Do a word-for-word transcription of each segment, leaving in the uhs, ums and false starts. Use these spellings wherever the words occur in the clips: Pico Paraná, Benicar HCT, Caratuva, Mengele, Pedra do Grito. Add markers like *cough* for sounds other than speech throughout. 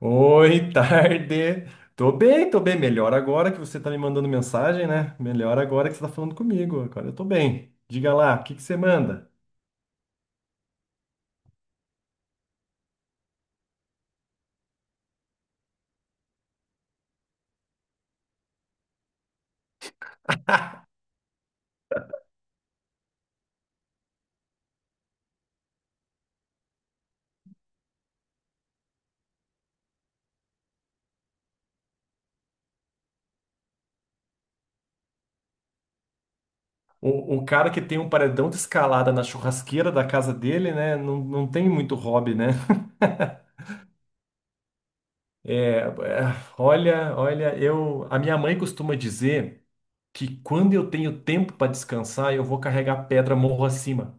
Oi, *laughs* tarde. Tô bem, tô bem. Melhor agora que você tá me mandando mensagem, né? Melhor agora que você tá falando comigo. Agora eu tô bem. Diga lá, o que que você manda? O, o cara que tem um paredão de escalada na churrasqueira da casa dele, né? Não, não tem muito hobby, né? É, é, olha, olha, eu, a minha mãe costuma dizer que quando eu tenho tempo para descansar, eu vou carregar pedra morro acima.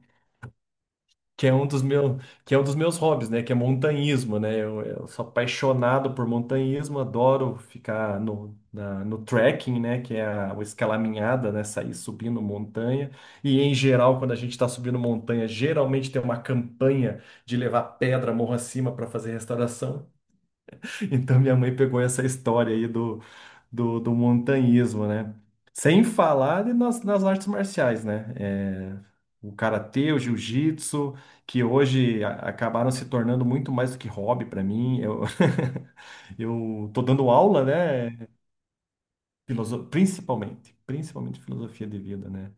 Que é um dos meus, que é um dos meus hobbies, né? Que é montanhismo, né? Eu, eu sou apaixonado por montanhismo, adoro ficar no, na- no trekking, né? Que é a, o escalaminhada, né? Sair subindo montanha. E em geral, quando a gente está subindo montanha, geralmente tem uma campanha de levar pedra morro acima para fazer restauração. *laughs* Então minha mãe pegou essa história aí do, do montanhismo, né? Sem falar de nas, nas artes marciais, né? É, o karatê, o jiu-jitsu, que hoje a- acabaram se tornando muito mais do que hobby para mim. Eu, *laughs* eu tô dando aula, né? Filoso- Principalmente, principalmente filosofia de vida, né?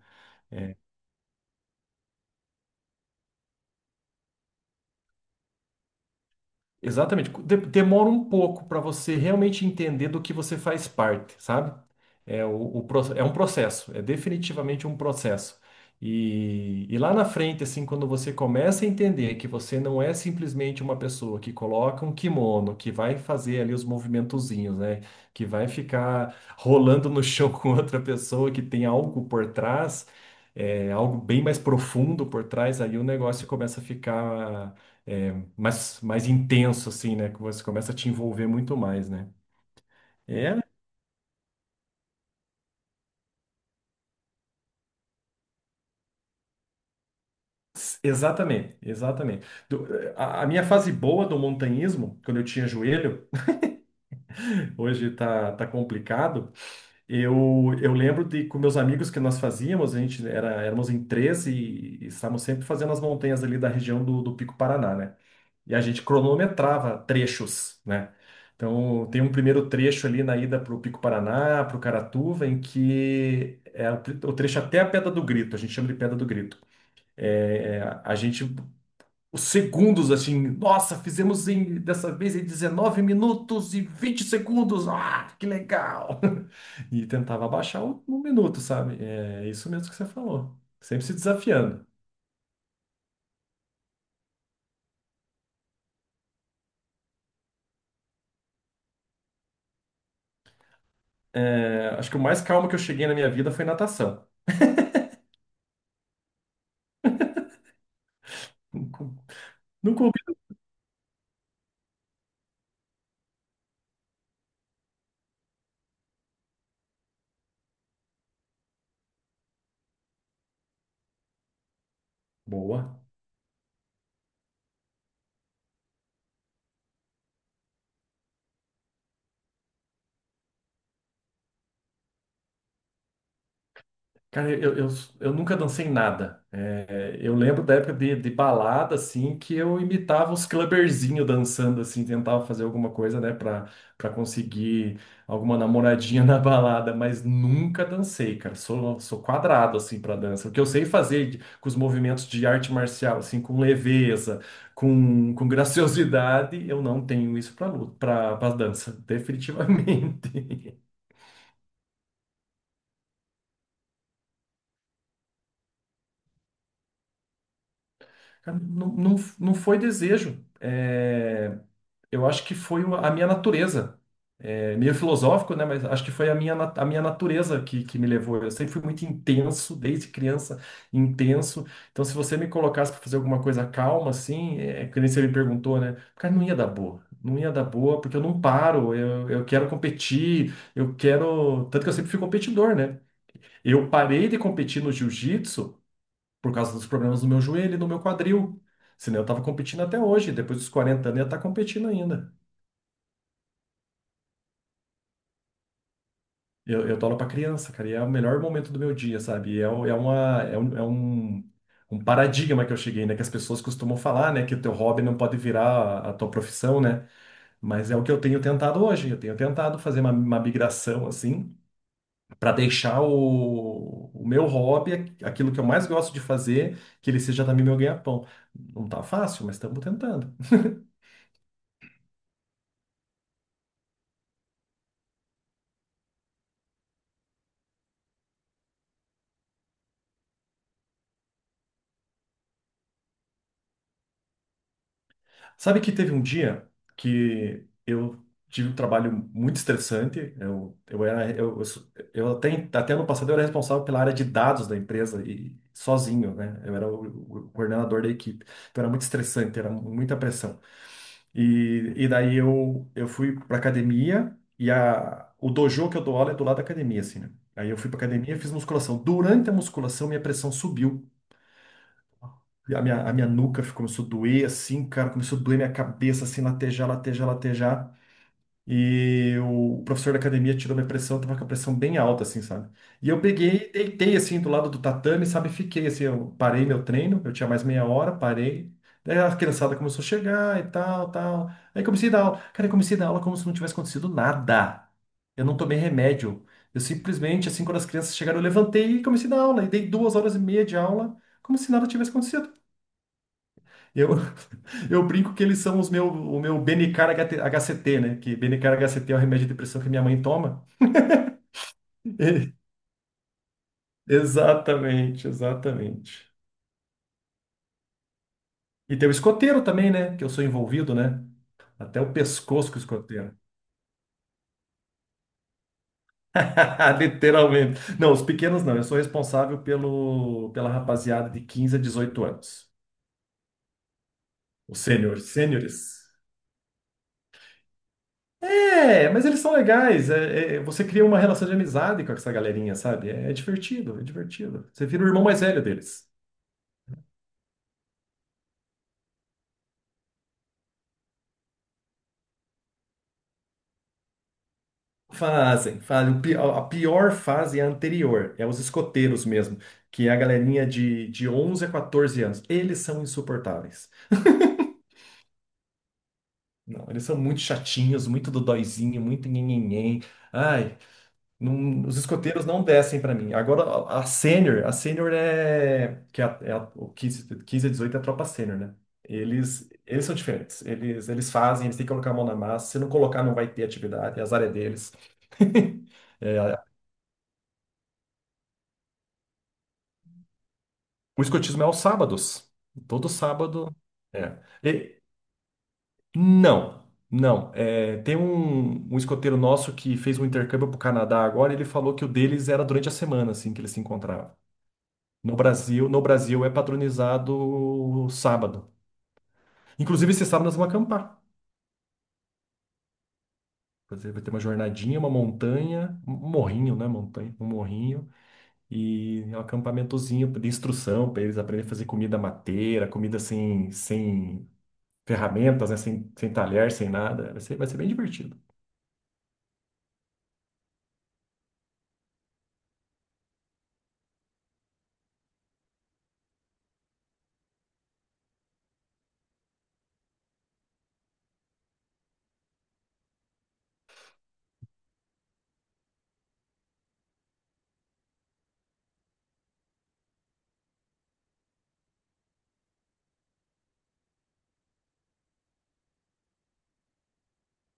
Exatamente. De- Demora um pouco para você realmente entender do que você faz parte, sabe? É, o, o pro- é um processo, é definitivamente um processo. E, e lá na frente, assim, quando você começa a entender que você não é simplesmente uma pessoa que coloca um kimono, que vai fazer ali os movimentozinhos, né? Que vai ficar rolando no chão *laughs* com outra pessoa, que tem algo por trás, é, algo bem mais profundo por trás, aí o negócio começa a ficar. É, mais, mais intenso, assim, né? Que você começa a te envolver muito mais, né? É, exatamente, exatamente. Do- a, a minha fase boa do montanhismo, quando eu tinha joelho, *laughs* hoje tá, tá complicado. Eu, eu lembro de com meus amigos que nós fazíamos, a gente era, éramos em treze e, e estávamos sempre fazendo as montanhas ali da região do, do Pico Paraná, né? E a gente cronometrava trechos, né? Então, tem um primeiro trecho ali na ida para o Pico Paraná, para o Caratuva, em que é a- o trecho até a Pedra do Grito, a gente chama de Pedra do Grito. É, é, a gente, os segundos, assim, nossa, fizemos em, dessa vez em dezenove minutos e vinte segundos, ah, que legal! *laughs* E tentava abaixar o- um minuto, sabe? É isso mesmo que você falou, sempre se desafiando. É, acho que o mais calmo que eu cheguei na minha vida foi natação. Nunca. Nunca. Boa. Cara, eu, eu, eu nunca dancei nada. É, eu lembro da época de, de balada, assim, que eu imitava os clubberzinhos dançando, assim, tentava fazer alguma coisa, né, pra, pra conseguir alguma namoradinha *laughs* na balada, mas nunca dancei, cara. Sou, sou quadrado, assim, pra dança. O que eu sei fazer de- com os movimentos de arte marcial, assim, com leveza, com, com graciosidade, eu não tenho isso pra luta, pra, pra dança, *laughs* definitivamente. Cara, não, não, não foi desejo. É, eu acho que foi o- a minha natureza. É meio filosófico, né? Mas acho que foi a minha, na- a minha natureza que, que me levou. Eu sempre fui muito intenso, desde criança, intenso. Então, se você me colocasse para fazer alguma coisa calma, assim, é, é que nem você me perguntou, né? Cara, não ia dar boa. Não ia dar boa, porque eu não paro. Eu, eu quero competir, eu quero. Tanto que eu sempre fui competidor, né? Eu parei de competir no jiu-jitsu por causa dos problemas no meu joelho e no meu quadril. Senão eu tava competindo até hoje, depois dos quarenta anos eu ia estar competindo ainda. Eu, eu dou aula pra criança, cara, e é o melhor momento do meu dia, sabe? E É, o- é, uma, é, um, é um, um paradigma que eu cheguei, né? Que as pessoas costumam falar, né? Que o teu hobby não pode virar a, a tua profissão, né? Mas é o que eu tenho tentado hoje. Eu tenho tentado fazer uma, uma migração, assim, para deixar o, o meu hobby, aquilo que eu mais gosto de fazer, que ele seja também meu ganha-pão. Não tá fácil, mas estamos tentando. Sabe que teve um dia que eu tive um trabalho muito estressante. Eu, eu era, eu, eu, sou- eu até, até ano passado eu era responsável pela área de dados da empresa e sozinho, né? Eu era o, o coordenador da equipe. Então era muito estressante, era muita pressão. E, e daí eu, eu fui para academia e a, o dojo que eu dou aula é do lado da academia, assim, né? Aí eu fui para academia, e fiz musculação. Durante a musculação, minha pressão subiu. E A minha, a minha nuca fi- começou a doer, assim, cara, começou a doer minha cabeça, assim, latejar, latejar, latejar. E o professor da academia tirou minha pressão, eu tava com a pressão bem alta, assim, sabe? E eu peguei, e deitei, assim, do lado do tatame, sabe? Fiquei, assim, eu parei meu treino, eu tinha mais meia hora, parei. Daí a criançada começou a chegar e tal, tal. Aí comecei a dar aula. Cara, eu comecei a dar aula como se não tivesse acontecido nada. Eu não tomei remédio. Eu simplesmente, assim, quando as crianças chegaram, eu levantei e comecei a dar aula. E dei duas horas e meia de aula, como se nada tivesse acontecido. Eu, *laughs* eu brinco que eles são os meu, o meu Benicar H C T, né? Que Benicar H C T é o remédio de depressão que minha mãe toma. *laughs* Exatamente, exatamente. E tem o escoteiro também, né? Que eu sou envolvido, né? Até o pescoço com o escoteiro. *laughs* Literalmente. Não, os pequenos não. Eu sou responsável pelo, pela rapaziada de quinze a dezoito anos. Os sêniores. Sêniores. É, mas eles são legais. É- é- você cria uma relação de amizade com essa galerinha, sabe? É, é divertido, é divertido. Você vira o irmão mais velho deles. Fazem, fazem. O pi- A pior fase é a anterior, é os escoteiros mesmo, que é a galerinha de, de onze a quatorze anos. Eles são insuportáveis. Não, eles são muito chatinhos, muito dodóizinho, muito nhenhenhen. Ai, Não- os escoteiros não descem para mim. Agora, a, a sênior, a sênior é, que é, a- é a- o quinze quinze a dezoito é a tropa sênior, né? Eles, eles são diferentes. Eles, eles fazem, eles têm que colocar a mão na massa. Se não colocar, não vai ter atividade. Azar é deles. *laughs* É, o escotismo é aos sábados. Todo sábado. É. E- não, não. É, tem um, um escoteiro nosso que fez um intercâmbio para o Canadá agora. E ele falou que o deles era durante a semana, assim, que eles se encontravam. No Brasil, no Brasil é patronizado sábado. Inclusive, esse sábado nós vamos acampar. Fazer- Vai ter uma jornadinha, uma montanha, um morrinho, né? Montanha, um morrinho e um acampamentozinho de instrução para eles aprenderem a fazer comida mateira, comida sem, sem ferramentas, né? Sem, sem talher, sem nada. Vai ser, vai ser bem divertido.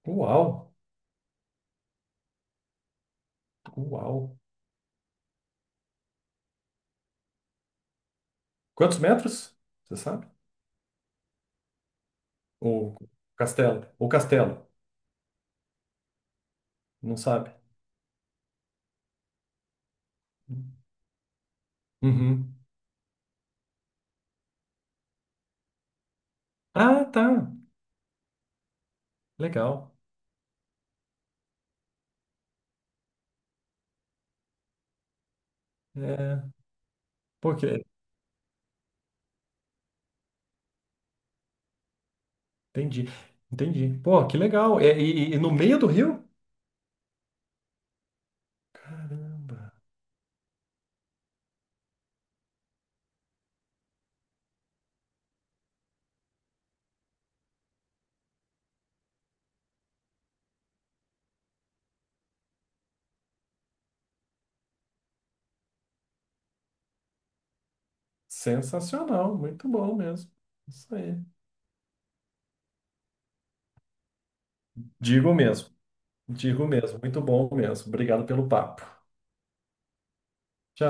Uau! Uau! Quantos metros? Você sabe? Ou castelo? Ou castelo? Não sabe? Uhum. Ah, tá. Legal. É. Pô, que... Entendi, entendi. Pô, que legal. É, e, e- e no meio do rio? Caramba, sensacional, muito bom mesmo. Isso aí. Digo mesmo, digo mesmo, muito bom mesmo. Obrigado pelo papo. Tchau.